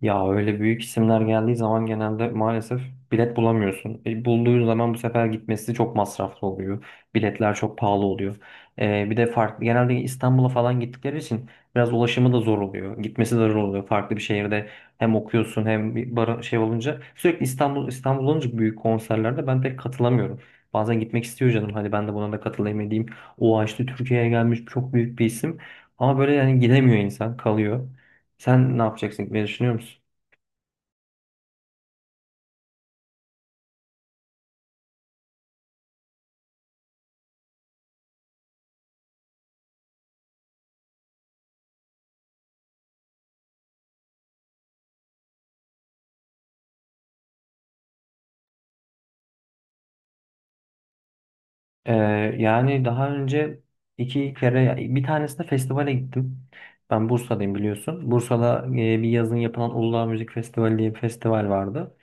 Ya öyle büyük isimler geldiği zaman genelde maalesef bilet bulamıyorsun. Bulduğun zaman bu sefer gitmesi çok masraflı oluyor. Biletler çok pahalı oluyor. Bir de farklı genelde İstanbul'a falan gittikleri için biraz ulaşımı da zor oluyor. Gitmesi de zor oluyor. Farklı bir şehirde hem okuyorsun hem bir bara şey olunca sürekli İstanbul İstanbul olunca büyük konserlerde ben pek katılamıyorum. Bazen gitmek istiyor canım. Hadi ben de buna da katılayım edeyim. O işte Türkiye'ye gelmiş çok büyük bir isim. Ama böyle yani gidemiyor insan kalıyor. Sen ne yapacaksın? Ne düşünüyor musun? Ee, Yani daha önce iki kere bir tanesinde festivale gittim. Ben Bursa'dayım biliyorsun. Bursa'da bir yazın yapılan Uludağ Müzik Festivali diye bir festival vardı,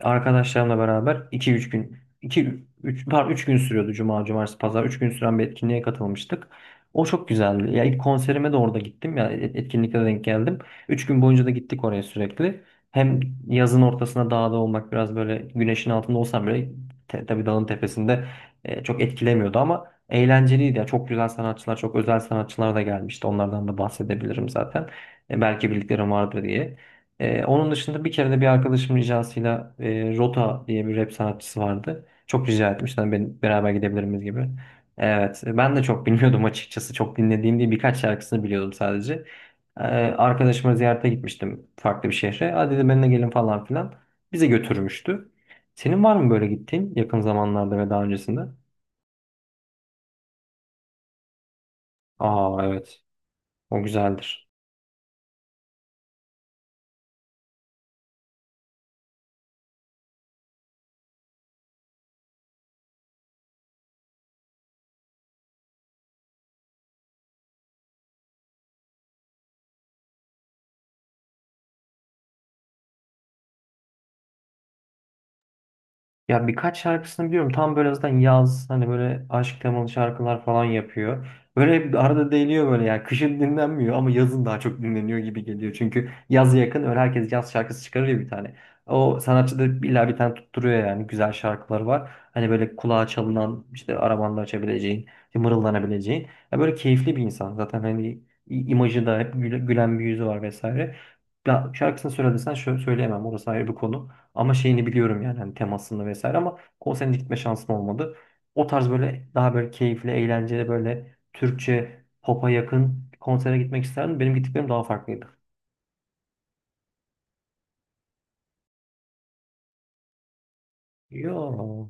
arkadaşlarımla beraber 2 3 gün iki üç pardon üç gün sürüyordu, cuma cumartesi pazar 3 gün süren bir etkinliğe katılmıştık. O çok güzeldi. Ya ilk konserime de orada gittim, ya etkinlikte de denk geldim. 3 gün boyunca da gittik oraya sürekli. Hem yazın ortasında dağda olmak biraz böyle güneşin altında olsam bile tabii dağın tepesinde çok etkilemiyordu ama eğlenceliydi. Ya çok güzel sanatçılar, çok özel sanatçılar da gelmişti. Onlardan da bahsedebilirim zaten. Belki bildiklerim vardır diye. Onun dışında bir kere de bir arkadaşım ricasıyla Rota diye bir rap sanatçısı vardı. Çok rica etmişti. Hani ben, beraber gidebiliriz gibi. Evet. Ben de çok bilmiyordum açıkçası. Çok dinlediğim değil, birkaç şarkısını biliyordum sadece. Arkadaşıma ziyarete gitmiştim farklı bir şehre. Hadi dedi benimle gelin falan filan. Bize götürmüştü. Senin var mı böyle gittiğin yakın zamanlarda ve daha öncesinde? Aa, evet. O güzeldir. Ya birkaç şarkısını biliyorum. Tam böyle zaten yaz, hani böyle aşk temalı şarkılar falan yapıyor. Böyle bir arada değiliyor böyle ya. Kışın dinlenmiyor ama yazın daha çok dinleniyor gibi geliyor. Çünkü yaz yakın öyle, herkes yaz şarkısı çıkarıyor bir tane. O sanatçı da illa bir tane tutturuyor, yani güzel şarkıları var. Hani böyle kulağa çalınan, işte arabanda açabileceğin, işte mırıldanabileceğin. Ya böyle keyifli bir insan. Zaten hani imajı da hep gülen bir yüzü var vesaire. Ya şarkısını söylediysen şöyle söyleyemem, orası ayrı bir konu. Ama şeyini biliyorum, yani hani temasını vesaire, ama konserine gitme şansım olmadı. O tarz böyle daha böyle keyifli, eğlenceli böyle Türkçe pop'a yakın konsere gitmek isterdim. Benim gittiklerim daha farklıydı. Yo.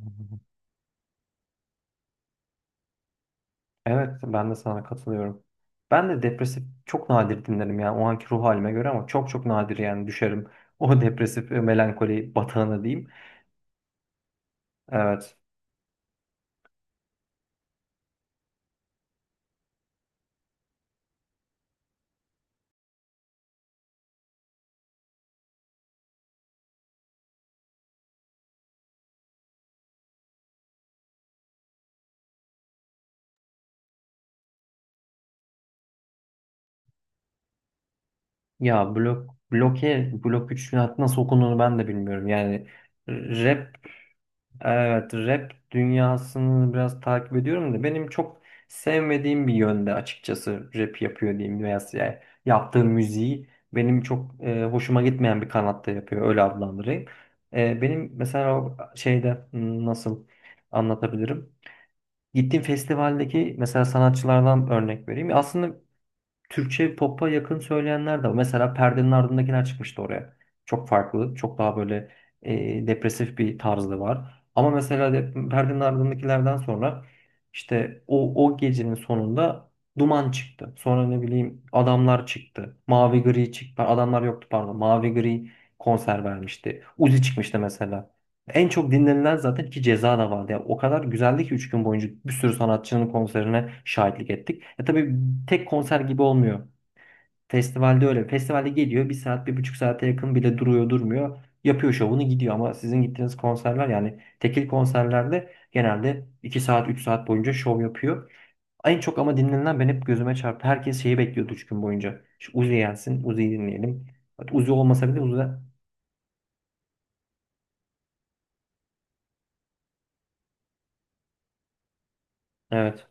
Evet, ben de sana katılıyorum. Ben de depresif çok nadir dinlerim, yani o anki ruh halime göre, ama çok çok nadir yani düşerim. O depresif melankoli batağına diyeyim. Evet. Ya blok 3 nasıl okunduğunu ben de bilmiyorum. Yani rap Evet, rap dünyasını biraz takip ediyorum da benim çok sevmediğim bir yönde açıkçası rap yapıyor diyeyim, veya yani yaptığı müziği benim çok hoşuma gitmeyen bir kanatta yapıyor, öyle adlandırayım. Benim mesela o şeyde hmm, nasıl anlatabilirim? Gittiğim festivaldeki mesela sanatçılardan örnek vereyim. Aslında Türkçe pop'a yakın söyleyenler de var. Mesela Perdenin Ardındakiler çıkmıştı oraya. Çok farklı, çok daha böyle depresif bir tarzı var. Ama mesela Perdenin Ardındakilerden sonra işte o gecenin sonunda Duman çıktı. Sonra ne bileyim, Adamlar çıktı. Mavi Gri çıktı. Adamlar yoktu pardon. Mavi Gri konser vermişti. Uzi çıkmıştı mesela. En çok dinlenilen zaten ki Ceza da vardı. Yani o kadar güzeldi ki 3 gün boyunca bir sürü sanatçının konserine şahitlik ettik. E tabii tek konser gibi olmuyor. Festivalde öyle. Festivalde geliyor bir saat bir buçuk saate yakın bile duruyor durmuyor. Yapıyor şovunu gidiyor, ama sizin gittiğiniz konserler yani tekil konserlerde genelde 2 saat 3 saat boyunca şov yapıyor. En çok ama dinlenilen ben hep gözüme çarptı. Herkes şeyi bekliyordu 3 gün boyunca. Şu Uzi gelsin, Uzi'yi dinleyelim. Uzi olmasa bile Uzi... Evet.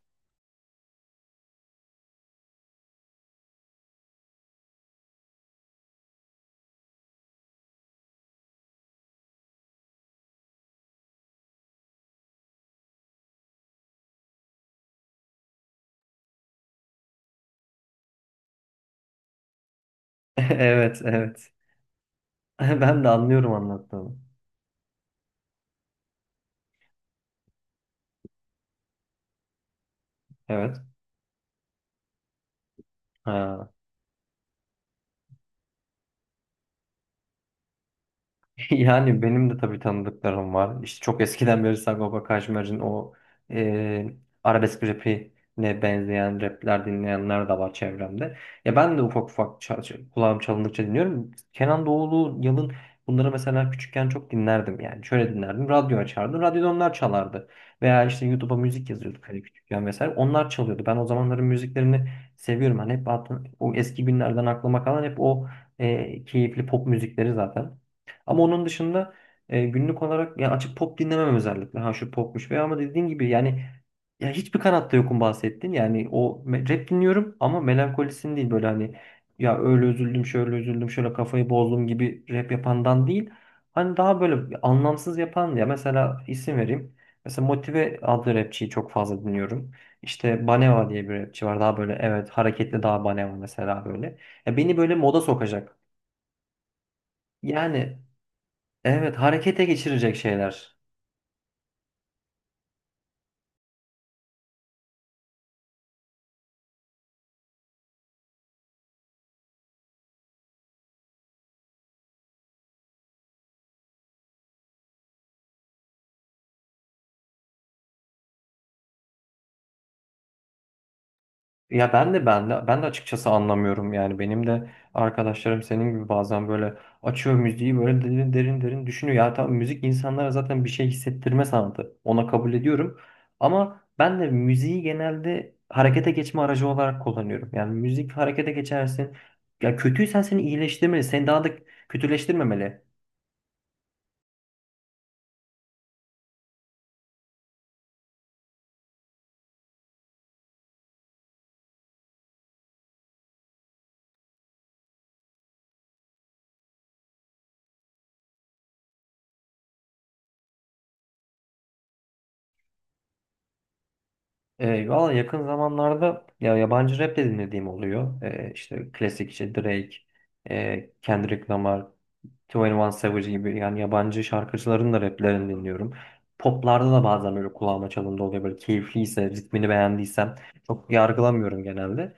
Evet, evet. Ben de anlıyorum anlattığını. Evet. Ha. Yani benim de tabii tanıdıklarım var. İşte çok eskiden beri Sagopa Kajmer'in o e, arabesk rapine benzeyen rapler dinleyenler de var çevremde. Ya ben de ufak ufak kulağım çalındıkça dinliyorum. Kenan Doğulu, Yalın, bunları mesela küçükken çok dinlerdim yani. Şöyle dinlerdim. Radyo açardım. Radyoda onlar çalardı. Veya işte YouTube'a müzik yazıyorduk hani küçükken vesaire. Onlar çalıyordu. Ben o zamanların müziklerini seviyorum. Hani hep o eski günlerden aklıma kalan hep o keyifli pop müzikleri zaten. Ama onun dışında günlük olarak yani açıp pop dinlemem özellikle. Ha şu popmuş veya, ama dediğin gibi yani ya hiçbir kanatta yokum bahsettin. Yani rap dinliyorum ama melankolisin değil, böyle hani ya öyle üzüldüm şöyle üzüldüm şöyle kafayı bozdum gibi rap yapandan değil. Hani daha böyle anlamsız yapan, ya mesela isim vereyim. Mesela Motive adlı rapçiyi çok fazla dinliyorum. İşte Baneva diye bir rapçi var. Daha böyle evet hareketli, daha Baneva mesela böyle. Ya beni böyle moda sokacak. Yani evet, harekete geçirecek şeyler. Ya ben de açıkçası anlamıyorum, yani benim de arkadaşlarım senin gibi bazen böyle açıyor müziği, böyle derin derin düşünüyor. Ya tamam, müzik insanlara zaten bir şey hissettirme sanatı. Ona kabul ediyorum. Ama ben de müziği genelde harekete geçme aracı olarak kullanıyorum. Yani müzik harekete geçersin. Ya kötüysen seni iyileştirmeli, seni daha da kötüleştirmemeli. Valla yakın zamanlarda ya yabancı rap de dinlediğim oluyor. İşte klasik işte Drake, Kendrick Lamar, 21 Savage gibi yani yabancı şarkıcıların da raplerini dinliyorum. Poplarda da bazen böyle kulağıma çalındı oluyor. Böyle keyifliyse, ritmini beğendiysem çok yargılamıyorum genelde.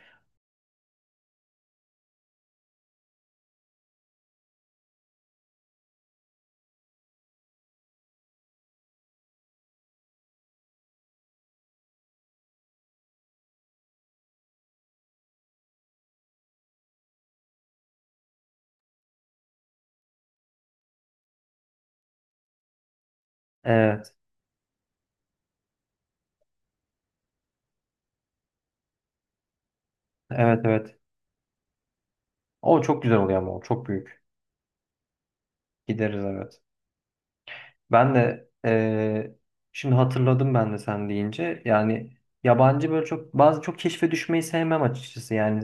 Evet, evet, evet. O çok güzel oluyor ama o çok büyük. Gideriz evet. Ben de e, Şimdi hatırladım, ben de sen deyince yani yabancı böyle çok bazı çok keşfe düşmeyi sevmem açıkçası yani.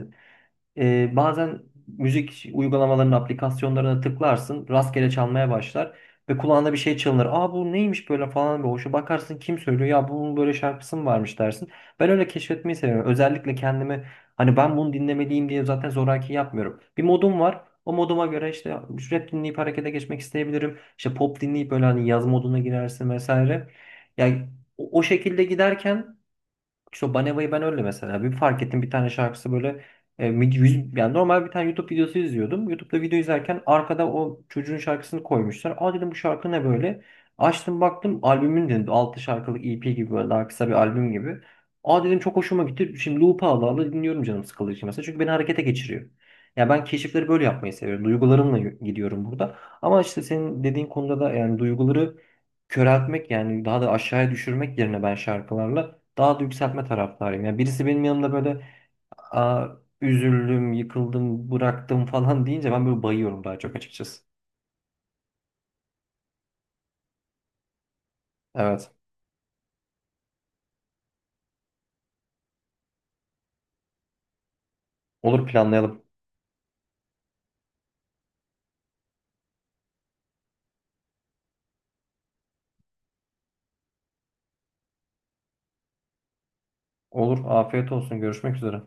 Bazen müzik uygulamalarının aplikasyonlarına tıklarsın, rastgele çalmaya başlar ve kulağında bir şey çalınır. Aa bu neymiş böyle falan, bir hoşa bakarsın, kim söylüyor ya, bunun böyle şarkısı mı varmış dersin. Ben öyle keşfetmeyi seviyorum. Özellikle kendimi hani ben bunu dinlemeliyim diye zaten zoraki yapmıyorum. Bir modum var. O moduma göre işte rap dinleyip harekete geçmek isteyebilirim. İşte pop dinleyip böyle hani yaz moduna girersin vesaire. Yani o o şekilde giderken işte o Baneva'yı ben öyle mesela. Bir fark ettim, bir tane şarkısı böyle yani normal, bir tane YouTube videosu izliyordum. YouTube'da video izlerken arkada o çocuğun şarkısını koymuşlar. Aa dedim, bu şarkı ne böyle? Açtım baktım albümün, dedim 6 şarkılık EP gibi, böyle daha kısa bir albüm gibi. Aa dedim çok hoşuma gitti. Şimdi loop'a ala ala dinliyorum canım sıkıldığı için mesela. Çünkü beni harekete geçiriyor. Ya ben keşifleri böyle yapmayı seviyorum. Duygularımla gidiyorum burada. Ama işte senin dediğin konuda da yani duyguları köreltmek yani daha da aşağıya düşürmek yerine ben şarkılarla daha da yükseltme taraftarıyım. Yani birisi benim yanımda böyle aa, üzüldüm, yıkıldım, bıraktım falan deyince ben böyle bayıyorum daha çok açıkçası. Evet. Olur planlayalım. Olur. Afiyet olsun. Görüşmek üzere.